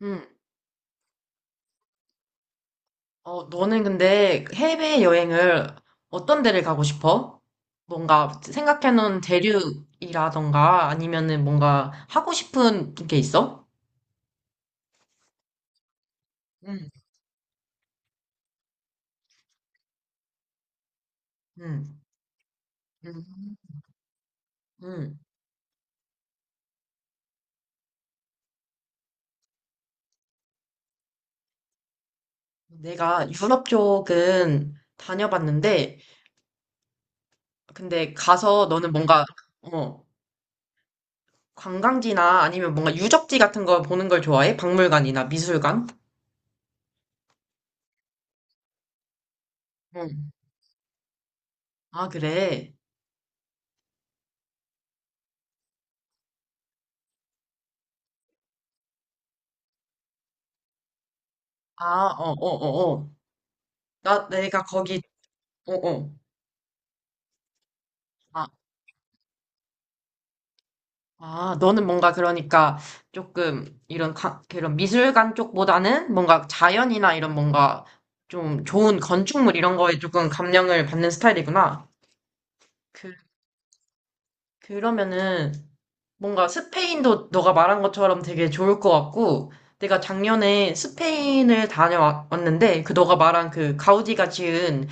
응 너는 근데 해외여행을 어떤 데를 가고 싶어? 뭔가 생각해놓은 대륙이라던가 아니면은 뭔가 하고 싶은 게 있어? 응 응 응 응. 내가 유럽 쪽은 다녀봤는데, 근데 가서 너는 뭔가, 어, 관광지나 아니면 뭔가 유적지 같은 거 보는 걸 좋아해? 박물관이나 미술관? 응. 아, 그래. 아, 어, 어, 어, 어. 내가 거기, 어, 어. 아, 아, 너는 뭔가 그러니까 조금 이런 그런 미술관 쪽보다는 뭔가 자연이나 이런 뭔가 좀 좋은 건축물 이런 거에 조금 감명을 받는 스타일이구나. 그, 그러면은 뭔가 스페인도 너가 말한 것처럼 되게 좋을 것 같고, 내가 작년에 스페인을 다녀왔는데 그 너가 말한 그 가우디가 지은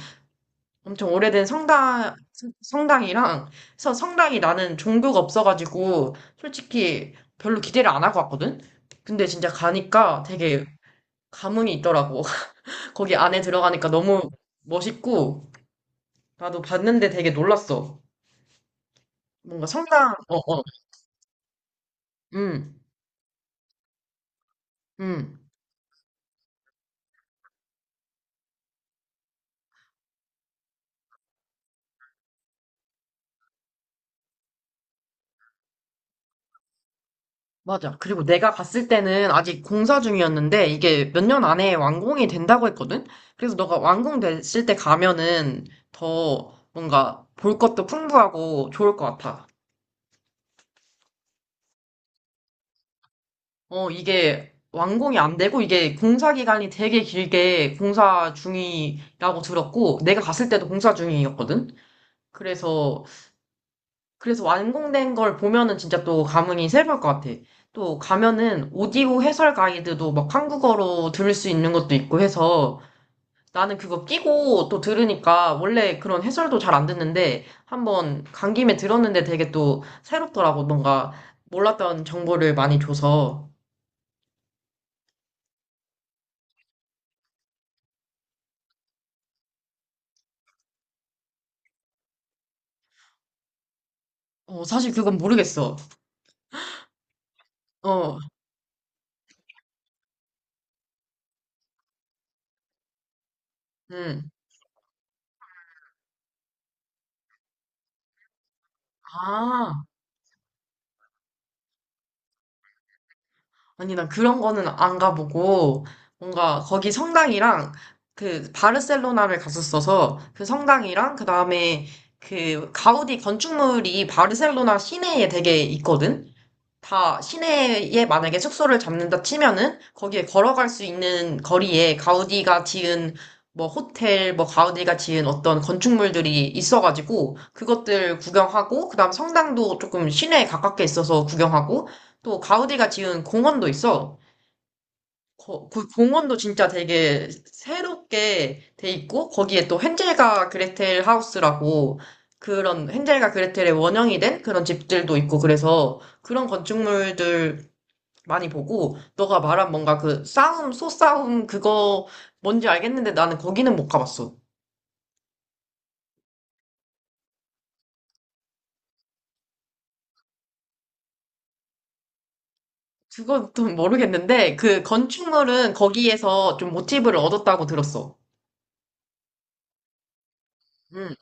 엄청 오래된 성당, 당이랑 그래서 성당이 나는 종교가 없어가지고, 솔직히 별로 기대를 안 하고 왔거든? 근데 진짜 가니까 되게 감흥이 있더라고. 거기 안에 들어가니까 너무 멋있고, 나도 봤는데 되게 놀랐어. 뭔가 성당, 어, 어, 음, 음. 맞아. 그리고 내가 갔을 때는 아직 공사 중이었는데 이게 몇 년 안에 완공이 된다고 했거든? 그래서 너가 완공됐을 때 가면은 더 뭔가 볼 것도 풍부하고 좋을 것 같아. 어, 이게 완공이 안 되고 이게 공사 기간이 되게 길게 공사 중이라고 들었고 내가 갔을 때도 공사 중이었거든? 그래서, 그래서 완공된 걸 보면은 진짜 또 감흥이 새로울 것 같아. 또 가면은 오디오 해설 가이드도 막 한국어로 들을 수 있는 것도 있고 해서, 나는 그거 끼고 또 들으니까 원래 그런 해설도 잘 안 듣는데 한 번 간 김에 들었는데 되게 또 새롭더라고. 뭔가 몰랐던 정보를 많이 줘서. 어, 사실 그건 모르겠어. 어, 음. 아, 아니, 난 그런 거는 안 가보고 뭔가 거기 성당이랑 그 바르셀로나를 갔었어서 그 성당이랑 그 다음에 그 가우디 건축물이 바르셀로나 시내에 되게 있거든? 다 시내에 만약에 숙소를 잡는다 치면은 거기에 걸어갈 수 있는 거리에 가우디가 지은 뭐 호텔, 뭐 가우디가 지은 어떤 건축물들이 있어가지고 그것들 구경하고 그다음 성당도 조금 시내에 가깝게 있어서 구경하고 또 가우디가 지은 공원도 있어. 그 공원도 진짜 되게 새롭게 돼 있고, 거기에 또 헨젤과 그레텔 하우스라고 그런 헨젤과 그레텔의 원형이 된 그런 집들도 있고 그래서 그런 건축물들 많이 보고, 너가 말한 뭔가 그 싸움, 소싸움 그거 뭔지 알겠는데 나는 거기는 못 가봤어. 그것도 모르겠는데, 그 건축물은 거기에서 좀 모티브를 얻었다고 들었어. 음.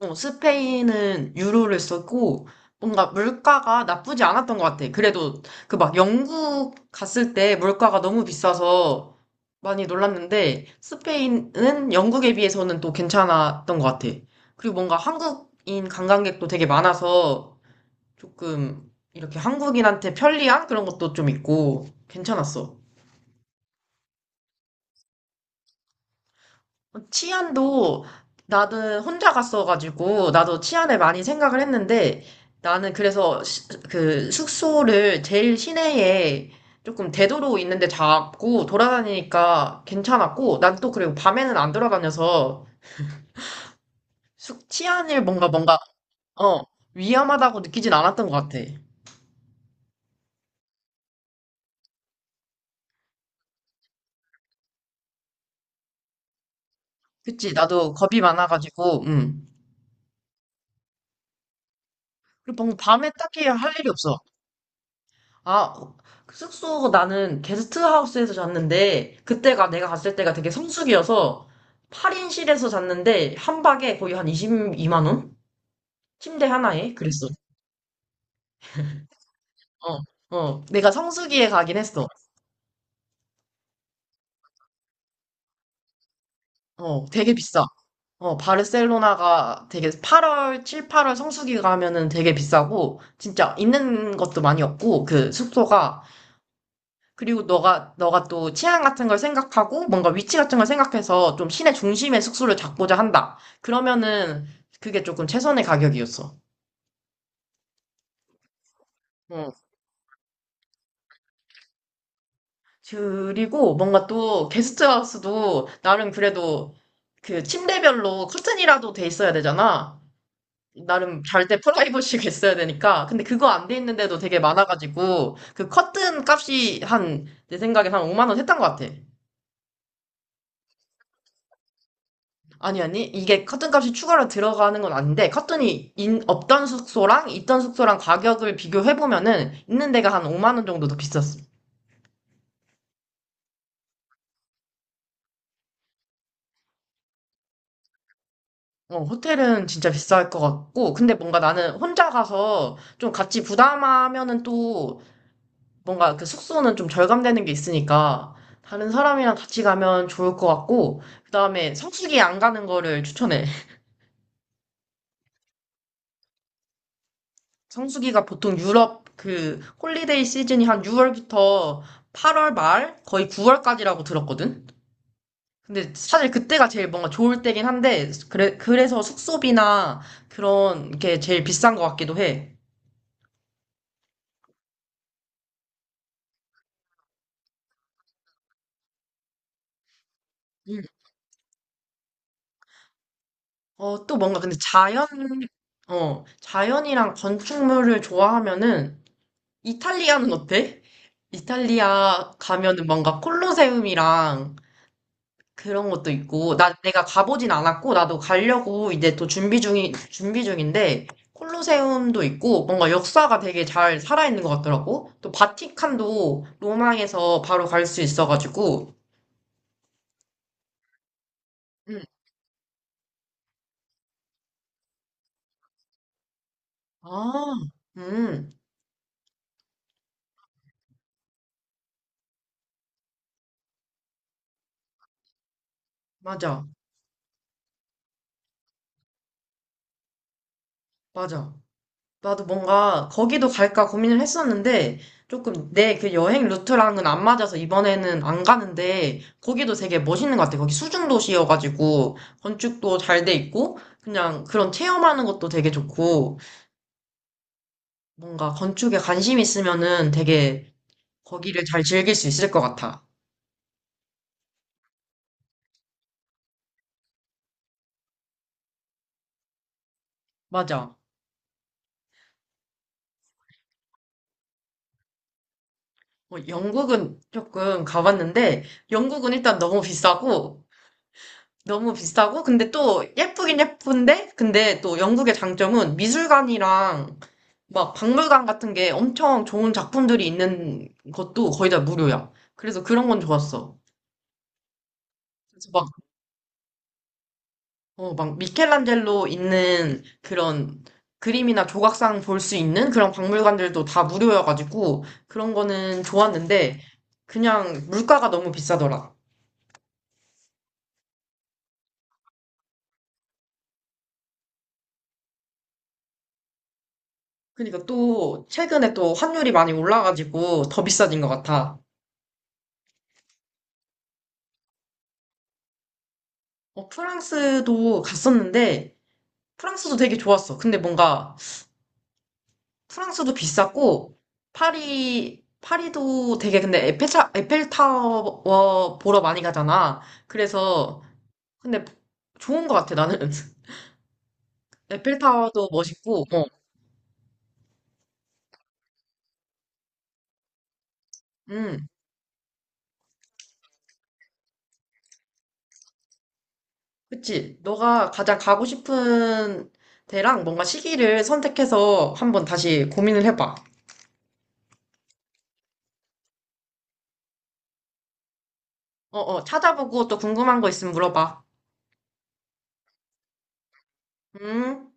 어, 스페인은 유로를 썼고, 뭔가 물가가 나쁘지 않았던 것 같아. 그래도 그 막 영국 갔을 때 물가가 너무 비싸서 많이 놀랐는데, 스페인은 영국에 비해서는 또 괜찮았던 것 같아. 그리고 뭔가 한국인 관광객도 되게 많아서 조금 이렇게 한국인한테 편리한 그런 것도 좀 있고 괜찮았어. 치안도 나는 혼자 갔어가지고 나도 치안에 많이 생각을 했는데, 나는 그래서 그 숙소를 제일 시내에 조금 대도로 있는데 잡고 돌아다니니까 괜찮았고, 난 또 그리고 밤에는 안 돌아다녀서 숙 치안일 뭔가 뭔가 어 위험하다고 느끼진 않았던 것 같아. 그치, 나도 겁이 많아가지고 그리고 뭔가 밤에 딱히 할 일이 없어. 아, 그 숙소 나는 게스트하우스에서 잤는데, 그때가 내가 갔을 때가 되게 성수기여서, 8인실에서 잤는데, 한 박에 거의 한 22만 원? 침대 하나에? 그랬어. 어, 어. 내가 성수기에 가긴 했어. 어, 되게 비싸. 어, 바르셀로나가 되게 8월, 7, 8월 성수기 가면은 되게 비싸고, 진짜 있는 것도 많이 없고, 그 숙소가 그리고 너가 또 취향 같은 걸 생각하고 뭔가 위치 같은 걸 생각해서 좀 시내 중심의 숙소를 잡고자 한다. 그러면은 그게 조금 최선의 가격이었어. 응. 그리고 뭔가 또 게스트하우스도 나름 그래도 그 침대별로 커튼이라도 돼 있어야 되잖아. 나름 잘 때 프라이버시가 있어야 되니까. 근데 그거 안 돼 있는데도 되게 많아가지고 그 커튼 값이 한, 내 생각에 한 5만 원 했던 것 같아. 아니, 아니. 이게 커튼값이 추가로 들어가는 건 아닌데, 커튼이 없던 숙소랑 있던 숙소랑 가격을 비교해보면은, 있는 데가 한 5만 원 정도 더 비쌌어. 어, 호텔은 진짜 비쌀 것 같고, 근데 뭔가 나는 혼자 가서 좀 같이 부담하면은 또, 뭔가 그 숙소는 좀 절감되는 게 있으니까, 다른 사람이랑 같이 가면 좋을 것 같고, 그 다음에 성수기 안 가는 거를 추천해. 성수기가 보통 유럽 그 홀리데이 시즌이 한 6월부터 8월 말 거의 9월까지라고 들었거든? 근데 사실 그때가 제일 뭔가 좋을 때긴 한데, 그래서 숙소비나 그런 게 제일 비싼 것 같기도 해. 음. 어, 또 뭔가 근데 자연, 어, 자연이랑 건축물을 좋아하면은 이탈리아는 어때? 이탈리아 가면은 뭔가 콜로세움이랑 그런 것도 있고, 내가 가보진 않았고, 나도 가려고 이제 또 준비 중인데, 콜로세움도 있고, 뭔가 역사가 되게 잘 살아있는 것 같더라고. 또 바티칸도 로마에서 바로 갈 수 있어가지고, 음, 아, 음, 맞아, 맞아. 나도 뭔가 거기도 갈까 고민을 했었는데 조금 내 그 여행 루트랑은 안 맞아서 이번에는 안 가는데, 거기도 되게 멋있는 것 같아. 거기 수중 도시여가지고 건축도 잘 돼 있고 그냥 그런 체험하는 것도 되게 좋고, 뭔가 건축에 관심 있으면은 되게 거기를 잘 즐길 수 있을 것 같아. 맞아. 뭐 영국은 조금 가봤는데 영국은 일단 너무 비싸고 너무 비싸고, 근데 또 예쁘긴 예쁜데, 근데 또 영국의 장점은 미술관이랑 막 박물관 같은 게 엄청 좋은 작품들이 있는 것도 거의 다 무료야. 그래서 그런 건 좋았어. 그래서 막, 어, 막 미켈란젤로 있는 그런 그림이나 조각상 볼 수 있는 그런 박물관들도 다 무료여가지고 그런 거는 좋았는데, 그냥 물가가 너무 비싸더라. 그러니까 또 최근에 또 환율이 많이 올라가지고 더 비싸진 것 같아. 어, 프랑스도 갔었는데, 프랑스도 되게 좋았어. 근데 뭔가, 프랑스도 비쌌고, 파리도 되게 근데 에펠타워 보러 많이 가잖아. 그래서, 근데 좋은 것 같아, 나는. 에펠타워도 멋있고, 어, 음, 그치. 너가 가장 가고 싶은 데랑 뭔가 시기를 선택해서 한번 다시 고민을 해봐. 어, 어, 찾아보고 또 궁금한 거 있으면 물어봐. 음.